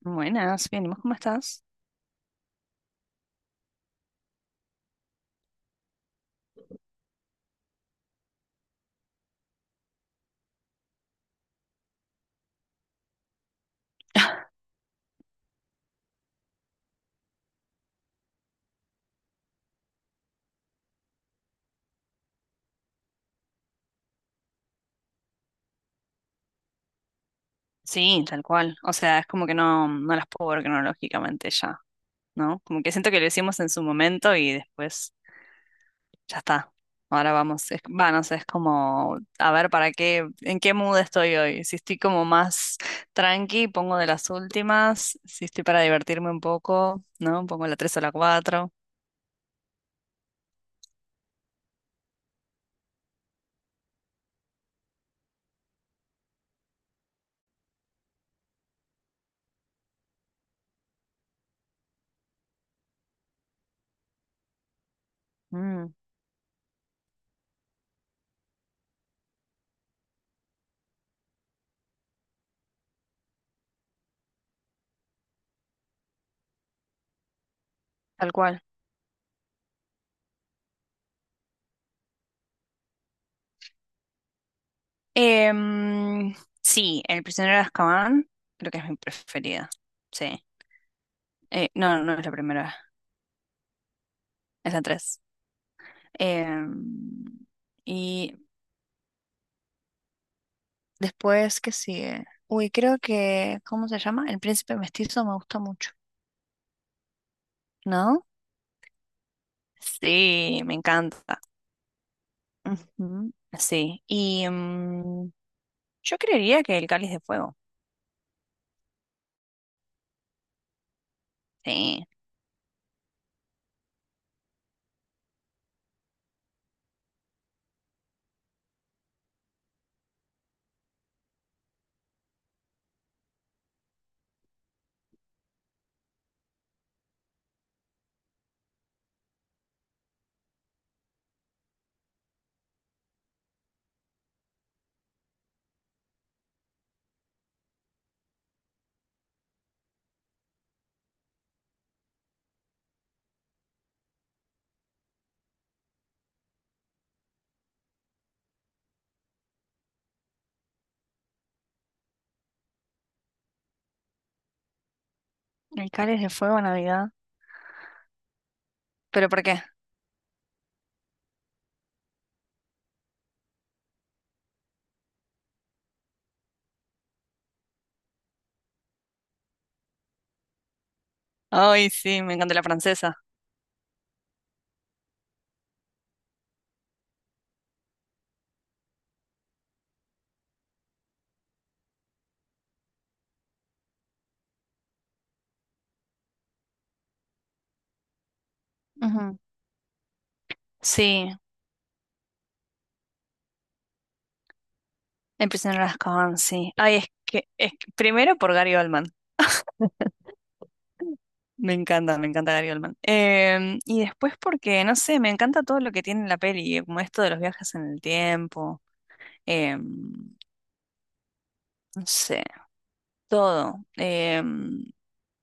Buenas, bien, ¿y vos cómo estás? Sí, tal cual. O sea, es como que no las puedo ver cronológicamente ya, ¿no? Como que siento que lo hicimos en su momento y después ya está. Ahora vamos, es, va, no sé, es como a ver para qué, en qué mood estoy hoy. Si estoy como más tranqui, pongo de las últimas. Si estoy para divertirme un poco, ¿no? Pongo la tres o la cuatro. Mm, tal cual. Em, sí, El prisionero de Azkaban, creo que es mi preferida. Sí. No, no es la primera, es la tres. Em, y después, ¿qué sigue? Uy, creo que, ¿cómo se llama? El príncipe mestizo me gusta mucho, ¿no? Sí, me encanta. Ujú. Sí, y yo creería que el cáliz de fuego. Sí, el cáliz de fuego, Navidad. ¿Pero por qué? Ay, sí, me encanta la francesa. Ujú. Sí, empiezan las Azkaban, sí. Ay, primero por Gary Oldman. Me encanta Gary Oldman. Y después porque, no sé, me encanta todo lo que tiene la peli, como esto de los viajes en el tiempo, em, no sé, todo.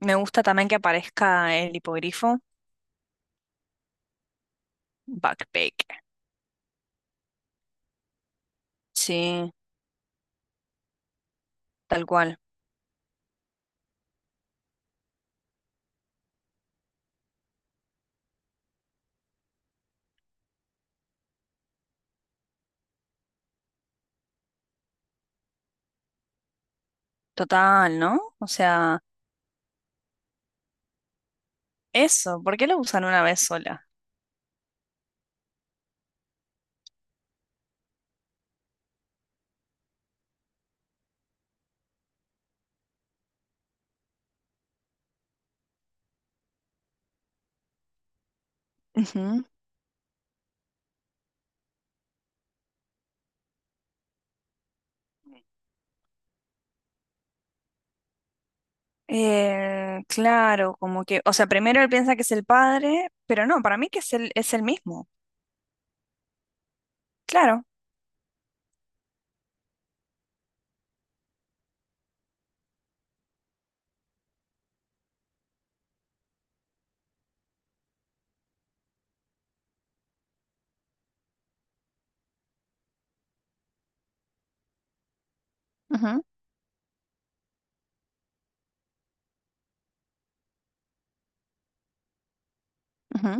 Me gusta también que aparezca el hipogrifo. Backpack. Sí, tal cual. Total, ¿no? O sea, eso, ¿por qué lo usan una vez sola? Claro, como que, o sea, primero él piensa que es el padre, pero no, para mí que es es el mismo. Claro. Ujú, ujú,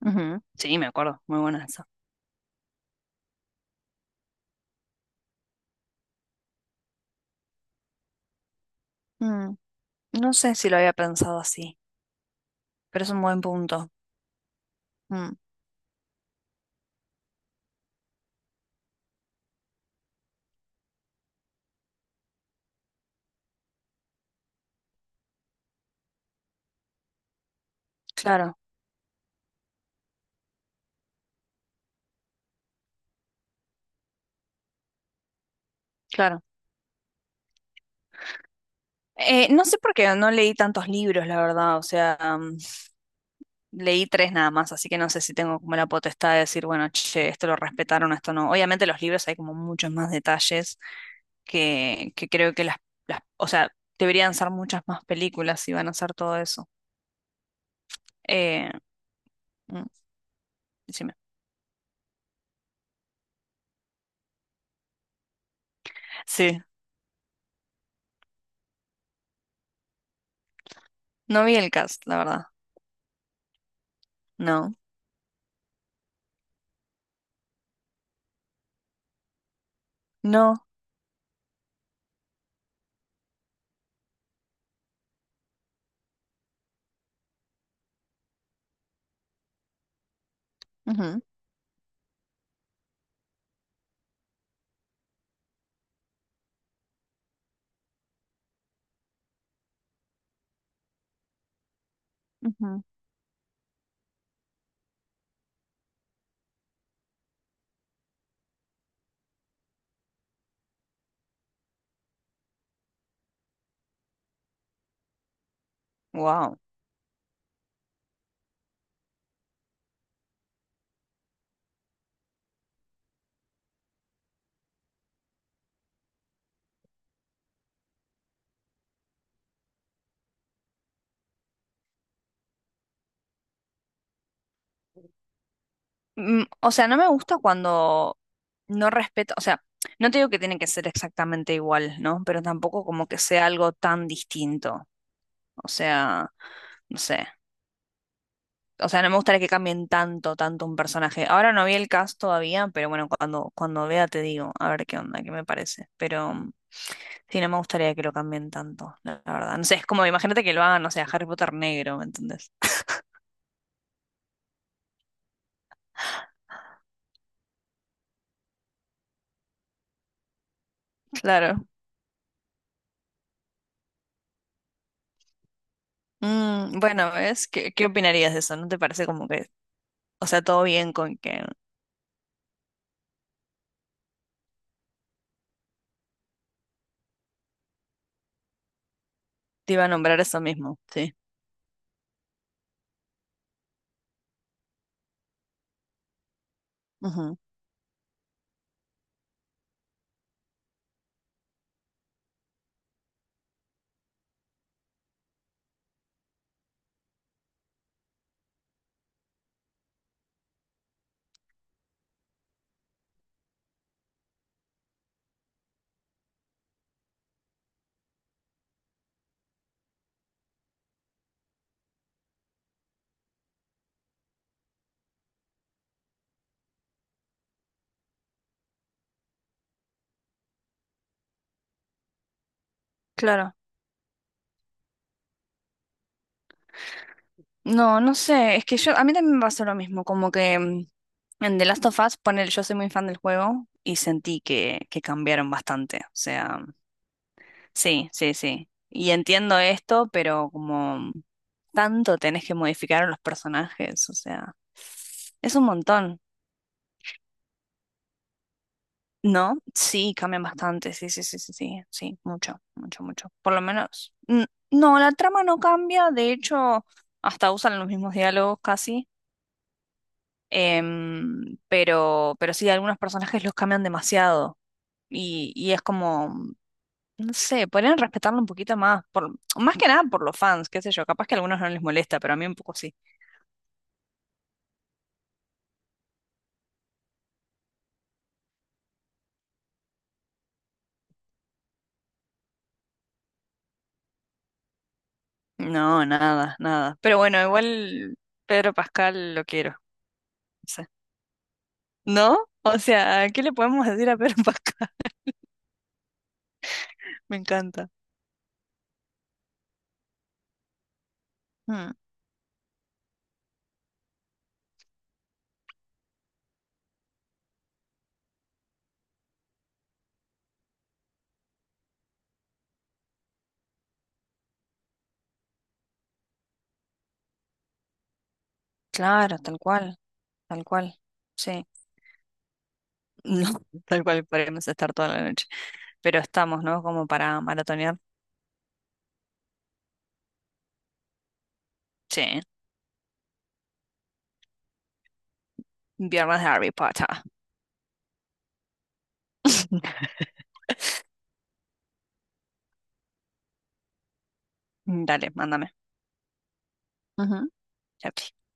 ujú. Sí, me acuerdo, muy buena esa. Mm, no sé si lo había pensado así, pero es un buen punto. Mm, claro, claro. No sé por qué no leí tantos libros, la verdad, o sea, leí tres nada más, así que no sé si tengo como la potestad de decir, bueno, che, esto lo respetaron, esto no. Obviamente los libros hay como muchos más detalles que creo que o sea, deberían ser muchas más películas si van a hacer todo eso. Eh, mm, Decime. Sí, no vi el cast, la verdad. No, no. Wow. O sea, no me gusta cuando no respeto, o sea, no te digo que tiene que ser exactamente igual, ¿no? Pero tampoco como que sea algo tan distinto. O sea, no sé. O sea, no me gustaría que cambien tanto, tanto un personaje. Ahora no vi el cast todavía, pero bueno, cuando vea te digo, a ver qué onda, qué me parece. Pero sí, no me gustaría que lo cambien tanto, la verdad. No sé, es como, imagínate que lo hagan, no sé, a Harry Potter negro, ¿me entendés? Claro. Mm, bueno, ¿ves? ¿Qué, qué opinarías de eso? ¿No te parece como que, o sea, todo bien con que te iba a nombrar eso mismo? Sí. Ujú. Claro. No, no sé, es que yo, a mí también me pasó lo mismo, como que en The Last of Us, ponele, yo soy muy fan del juego y sentí que cambiaron bastante, o sea, sí, sí, sí, y entiendo esto, pero como tanto tenés que modificar a los personajes, o sea, es un montón, ¿no? Sí, cambian bastante, sí, sí, sí, sí, sí, sí, mucho, mucho, mucho, por lo menos, no, la trama no cambia, de hecho, hasta usan los mismos diálogos casi. Pero sí, algunos personajes los cambian demasiado. Y es como, no sé, podrían respetarlo un poquito más, por, más que nada por los fans, qué sé yo, capaz que a algunos no les molesta, pero a mí un poco sí. No, nada, nada. Pero bueno, igual Pedro Pascal lo quiero, no sé. ¿No? O sea, ¿qué le podemos decir a Pedro Pascal? Me encanta. Mm, claro, tal cual, tal cual. Sí, no, tal cual podríamos estar toda la noche. Pero estamos, ¿no? Como para maratonear. Sí. Viernes de Harry Potter. Dale, mándame. Ujú. Chao, chao.